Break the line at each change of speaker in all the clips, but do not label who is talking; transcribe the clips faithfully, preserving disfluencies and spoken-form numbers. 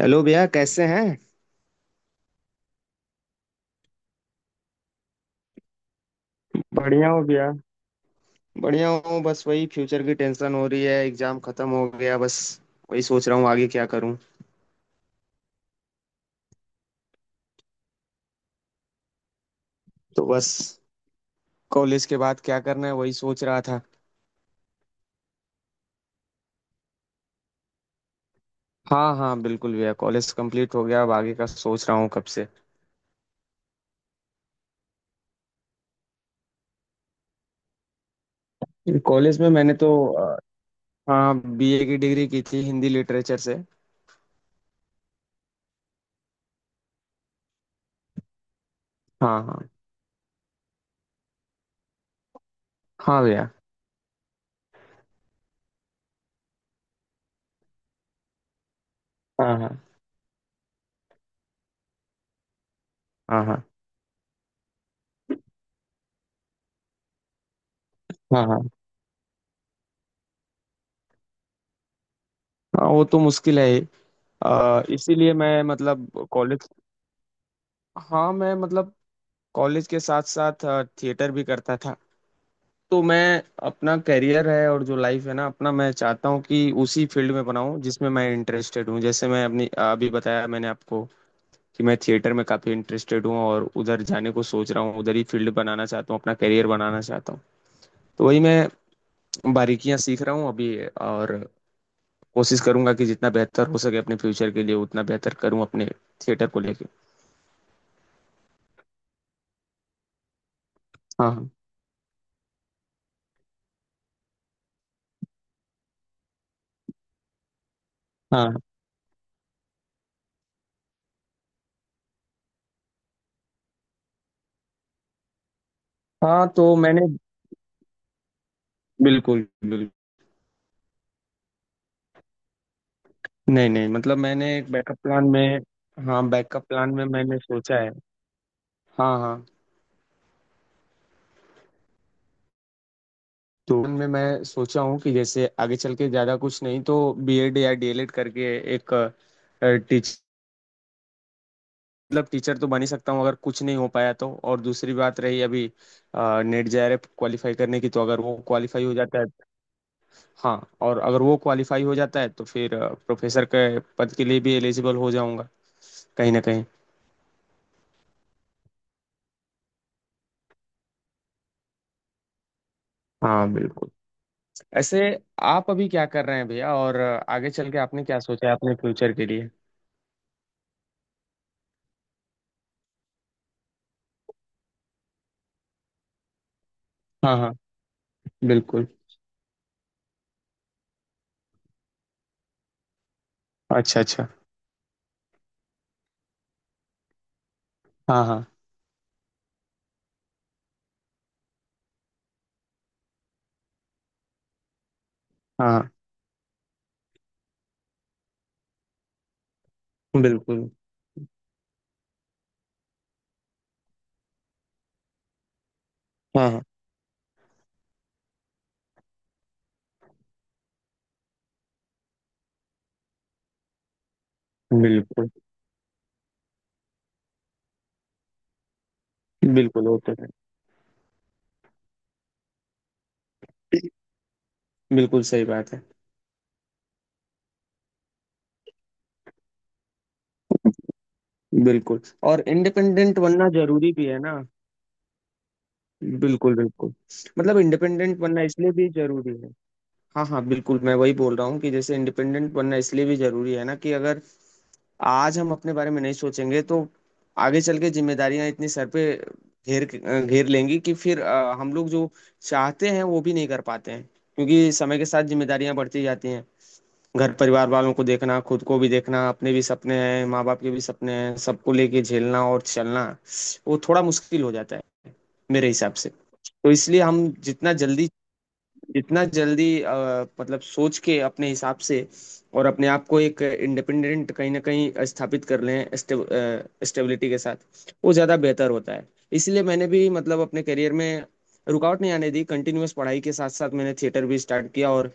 Hello भैया, कैसे हैं? बढ़िया हो गया। बढ़िया हूँ, बस वही फ्यूचर की टेंशन हो रही है। एग्जाम खत्म हो गया बस। वही सोच रहा हूँ आगे क्या करूँ। तो बस, कॉलेज के बाद क्या करना है वही सोच रहा था। हाँ हाँ, बिल्कुल भैया, कॉलेज कंप्लीट हो गया। अब आगे का सोच रहा हूँ कब से। कॉलेज में मैंने तो अ, हाँ, बीए की डिग्री की थी हिंदी लिटरेचर से। हाँ हाँ हाँ भैया। हाँ हाँ। हाँ हाँ। हाँ हाँ। हाँ, वो तो मुश्किल है ही। अ, इसीलिए मैं मतलब कॉलेज। हाँ, मैं मतलब, कॉलेज के साथ साथ थिएटर भी करता था। तो मैं, अपना करियर है और जो लाइफ है ना अपना, मैं चाहता हूँ कि उसी फील्ड में बनाऊँ जिसमें मैं इंटरेस्टेड हूँ। जैसे मैं अपनी अभी बताया मैंने आपको कि मैं थिएटर में काफ़ी इंटरेस्टेड हूँ, और उधर जाने को सोच रहा हूँ। उधर ही फील्ड बनाना चाहता हूँ, अपना करियर बनाना चाहता हूँ। तो वही मैं बारीकियां सीख रहा हूँ अभी, और कोशिश करूंगा कि जितना बेहतर हो सके अपने फ्यूचर के लिए, उतना बेहतर करूँ अपने। थिएटर को लेके। हाँ हाँ। हाँ हाँ। तो मैंने, बिल्कुल बिल्कुल। नहीं नहीं, मतलब मैंने एक बैकअप प्लान में। हाँ, बैकअप प्लान में मैंने सोचा है। हाँ हाँ। तो उनमें मैं सोचा हूँ कि जैसे आगे चल के ज़्यादा कुछ नहीं तो बी एड या डी एल एड करके, एक टीचर, मतलब टीचर तो बन ही सकता हूँ अगर कुछ नहीं हो पाया तो। और दूसरी बात रही अभी, नेट जे आर एफ क्वालिफाई करने की, तो अगर वो क्वालिफाई हो जाता है। हाँ। और अगर वो क्वालिफाई हो जाता है तो फिर प्रोफेसर के पद के लिए भी एलिजिबल हो जाऊंगा, कहीं ना कहीं। हाँ बिल्कुल। ऐसे। आप अभी क्या कर रहे हैं भैया? और अ, आगे चल के आपने क्या सोचा है अपने फ्यूचर के लिए? हाँ हाँ। बिल्कुल। अच्छा अच्छा। हाँ हाँ। हाँ हाँ। बिल्कुल। हाँ हाँ। बिल्कुल बिल्कुल, वो तो है। बिल्कुल सही बात है। बिल्कुल। और इंडिपेंडेंट बनना जरूरी भी है ना। बिल्कुल बिल्कुल। मतलब इंडिपेंडेंट बनना इसलिए भी जरूरी है। हाँ हाँ, बिल्कुल, मैं वही बोल रहा हूँ कि जैसे इंडिपेंडेंट बनना इसलिए भी जरूरी है ना, कि अगर आज हम अपने बारे में नहीं सोचेंगे तो आगे चल के जिम्मेदारियां इतनी सर पे घेर घेर लेंगी, कि फिर अ, हम लोग जो चाहते हैं वो भी नहीं कर पाते हैं। क्योंकि समय के साथ जिम्मेदारियां बढ़ती जाती हैं। घर परिवार वालों को देखना, खुद को भी देखना, अपने भी सपने हैं, माँ बाप के भी सपने हैं, सबको लेके झेलना और चलना, वो थोड़ा मुश्किल हो जाता है, मेरे हिसाब से। तो इसलिए हम जितना जल्दी, जितना जल्दी अ, मतलब सोच के अपने हिसाब से, और अपने आप को एक इंडिपेंडेंट कहीं ना कहीं स्थापित कर लें स्टेबिलिटी के साथ, वो ज़्यादा बेहतर होता है। इसलिए मैंने भी, मतलब अपने करियर में रुकावट नहीं आने दी। कंटिन्यूअस पढ़ाई के साथ साथ मैंने थिएटर भी स्टार्ट किया, और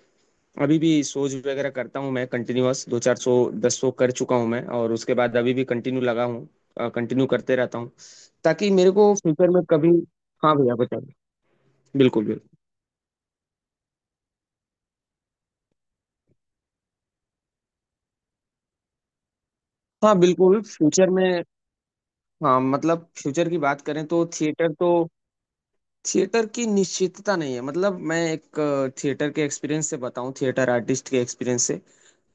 अभी भी सोच वगैरह करता हूँ मैं कंटिन्यूअस दो चार सौ दस सौ कर चुका हूँ मैं, और उसके बाद अभी भी कंटिन्यू लगा हूँ, कंटिन्यू करते रहता हूँ, ताकि मेरे को फ्यूचर में कभी। हाँ भैया, बताइए। बिल्कुल बिल्कुल। हाँ बिल्कुल, फ्यूचर में। हाँ मतलब, फ्यूचर की बात करें तो थिएटर तो, थिएटर की निश्चितता नहीं है, मतलब मैं एक, थिएटर के एक्सपीरियंस से बताऊं, थिएटर आर्टिस्ट के एक्सपीरियंस से।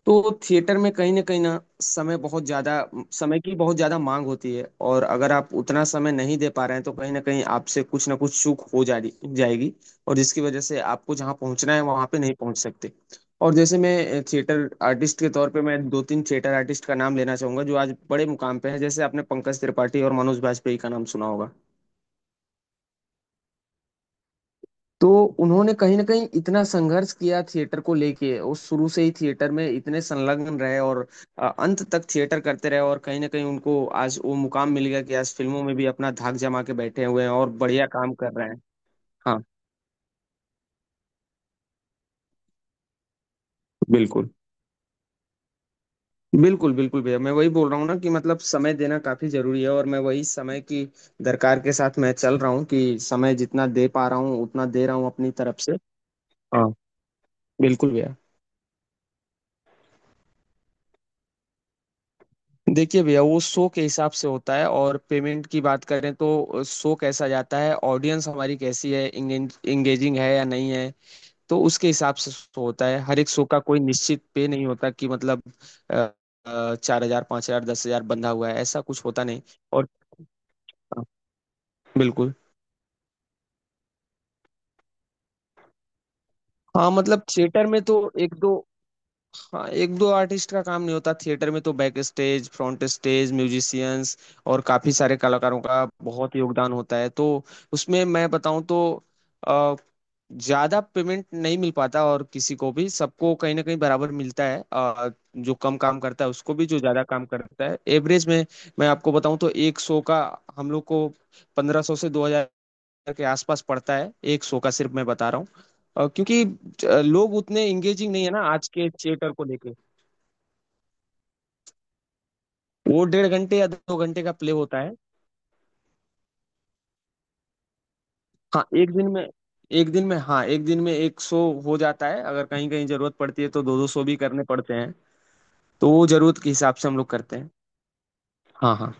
तो थिएटर में कहीं ना कहीं ना, समय बहुत ज्यादा, समय की बहुत ज्यादा मांग होती है। और अगर आप उतना समय नहीं दे पा रहे हैं, तो कहीं ना कहीं आपसे कुछ ना कुछ चूक हो जा रही जाएगी, और जिसकी वजह से आपको जहाँ पहुंचना है वहां पे नहीं पहुंच सकते। और जैसे मैं, थिएटर आर्टिस्ट के तौर पे, मैं दो तीन थिएटर आर्टिस्ट का नाम लेना चाहूंगा जो आज बड़े मुकाम पे है। जैसे आपने पंकज त्रिपाठी और मनोज बाजपेयी का नाम सुना होगा। तो उन्होंने कहीं ना कहीं इतना संघर्ष किया थिएटर को लेके, वो शुरू से ही थिएटर में इतने संलग्न रहे, और अ, अंत तक थिएटर करते रहे, और कहीं ना कहीं उनको आज वो मुकाम मिल गया कि आज फिल्मों में भी अपना धाक जमा के बैठे हुए हैं, और बढ़िया काम कर रहे हैं। हाँ बिल्कुल। बिल्कुल बिल्कुल भैया, मैं वही बोल रहा हूँ ना, कि मतलब समय देना काफी जरूरी है। और मैं वही समय की दरकार के साथ मैं चल रहा हूँ, कि समय जितना दे पा रहा हूँ उतना दे रहा हूँ अपनी तरफ से। हाँ। बिल्कुल भैया। देखिए भैया, वो शो के हिसाब से होता है, और पेमेंट की बात करें तो, शो कैसा जाता है, ऑडियंस हमारी कैसी है, इंगेजिंग है या नहीं है, तो उसके हिसाब से शो होता है। हर एक शो का कोई निश्चित पे नहीं होता कि मतलब, चार हजार, पाँच हजार, दस हजार बंधा हुआ है, ऐसा कुछ होता नहीं। और हाँ, बिल्कुल। हाँ मतलब, थिएटर में तो एक दो, हाँ, एक दो आर्टिस्ट का काम नहीं होता, थिएटर में तो back stage, front stage, musicians, और काफी सारे कलाकारों का बहुत योगदान होता है तो, उसमें मैं बताऊं तो, अ, ज्यादा पेमेंट नहीं मिल पाता, और किसी को भी, सबको कहीं ना कहीं बराबर मिलता है, अ, जो कम काम करता है उसको भी, जो ज्यादा काम करता है, एवरेज में। मैं आपको बताऊं तो एक शो का हम लोग को पंद्रह सौ से दो हजार के आसपास पड़ता है, एक शो का, सिर्फ मैं बता रहा हूँ। अ, क्योंकि अ, लोग उतने एंगेजिंग नहीं है ना आज के थिएटर को लेके। वो डेढ़ घंटे या दो घंटे का प्ले होता है। हाँ एक दिन में, एक दिन में, हाँ, एक दिन में एक शो हो जाता है। अगर कहीं कहीं जरूरत पड़ती है तो दो दो शो भी करने पड़ते हैं। तो वो जरूरत के हिसाब से हम लोग करते हैं। हाँ हाँ।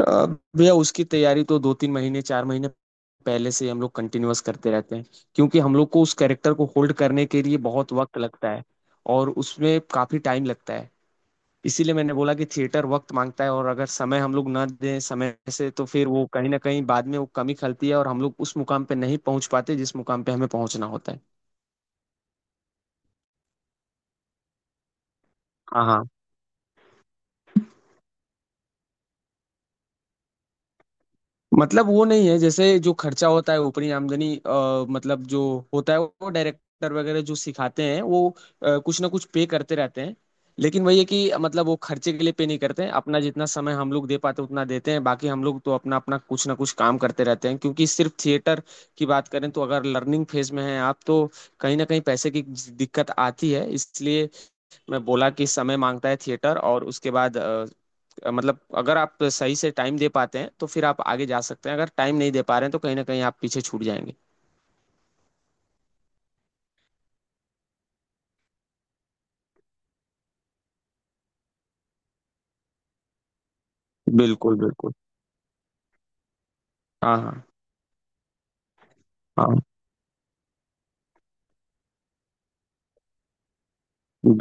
अ, भैया उसकी तैयारी तो दो तीन महीने, चार महीने पहले से ही हम लोग कंटिन्यूअस करते रहते हैं, क्योंकि हम लोग को उस कैरेक्टर को होल्ड करने के लिए बहुत वक्त लगता है, और उसमें काफी टाइम लगता है। इसीलिए मैंने बोला कि थिएटर वक्त मांगता है। और अगर समय हम लोग ना दें समय से, तो फिर वो कहीं ना कहीं बाद में वो कमी खलती है, और हम लोग उस मुकाम पे नहीं पहुंच पाते जिस मुकाम पे हमें पहुंचना होता है। हाँ हाँ। मतलब वो नहीं है, जैसे जो खर्चा होता है, ऊपरी आमदनी, अ, मतलब जो होता है, वो डायरेक्टर वगैरह जो सिखाते हैं वो अ, कुछ ना कुछ पे करते रहते हैं, लेकिन वही है कि मतलब वो खर्चे के लिए पे नहीं करते हैं। अपना जितना समय हम लोग दे पाते उतना देते हैं, बाकी हम लोग तो अपना अपना कुछ ना कुछ काम करते रहते हैं, क्योंकि सिर्फ थिएटर की बात करें तो, अगर लर्निंग फेज में हैं आप तो कहीं ना कहीं पैसे की दिक्कत आती है। इसलिए मैं बोला कि समय मांगता है थिएटर, और उसके बाद अ, मतलब अगर आप सही से टाइम दे पाते हैं तो फिर आप आगे जा सकते हैं, अगर टाइम नहीं दे पा रहे हैं तो कहीं ना कहीं आप पीछे छूट जाएंगे। बिल्कुल बिल्कुल। हाँ हाँ। हाँ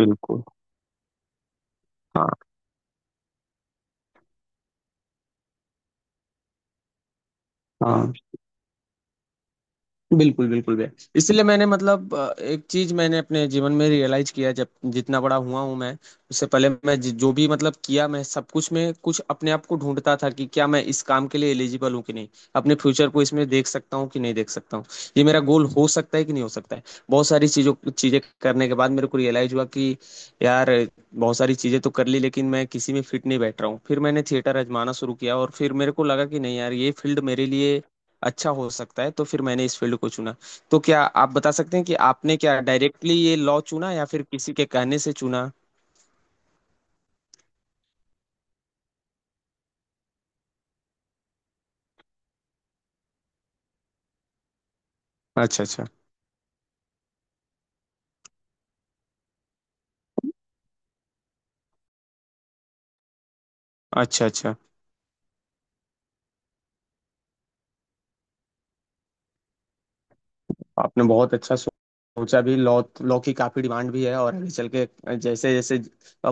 बिल्कुल। हाँ हाँ। बिल्कुल बिल्कुल भैया, इसलिए मैंने मतलब अ, एक चीज मैंने अपने जीवन में रियलाइज किया, जब जितना बड़ा हुआ हूं मैं, उससे पहले मैं जि- जो भी मतलब किया, मैं सब कुछ में कुछ अपने आप को ढूंढता था कि क्या मैं इस काम के लिए एलिजिबल हूँ कि नहीं, अपने फ्यूचर को इसमें देख सकता हूँ कि नहीं देख सकता हूँ, ये मेरा गोल हो सकता है कि नहीं हो सकता है। बहुत सारी चीजों चीजें करने के बाद मेरे को रियलाइज हुआ कि, यार, बहुत सारी चीजें तो कर ली, लेकिन मैं किसी में फिट नहीं बैठ रहा हूँ। फिर मैंने थिएटर आजमाना शुरू किया, और फिर मेरे को लगा कि नहीं यार, ये फील्ड मेरे लिए अच्छा हो सकता है, तो फिर मैंने इस फील्ड को चुना। तो क्या आप बता सकते हैं कि आपने क्या डायरेक्टली ये लॉ चुना, या फिर किसी के कहने से चुना? अच्छा अच्छा। अच्छा अच्छा। आपने बहुत अच्छा सो- सोचा भी, लॉ लॉ की काफी डिमांड भी है, और आगे चल के, जैसे जैसे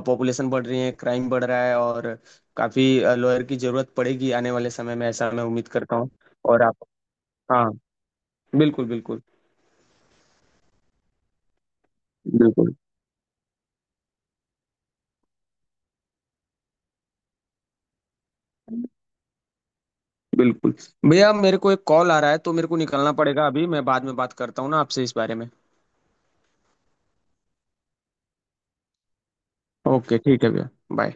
पॉपुलेशन बढ़ रही है, क्राइम बढ़ रहा है, और काफी लॉयर की जरूरत पड़ेगी आने वाले समय में, ऐसा मैं उम्मीद करता हूँ। और आप। हाँ। बिल्कुल बिल्कुल। बिल्कुल बिल्कुल भैया, मेरे को एक कॉल आ रहा है तो मेरे को निकलना पड़ेगा अभी। मैं बाद में बात करता हूँ ना आपसे इस बारे में। ओके ठीक है भैया। बाय।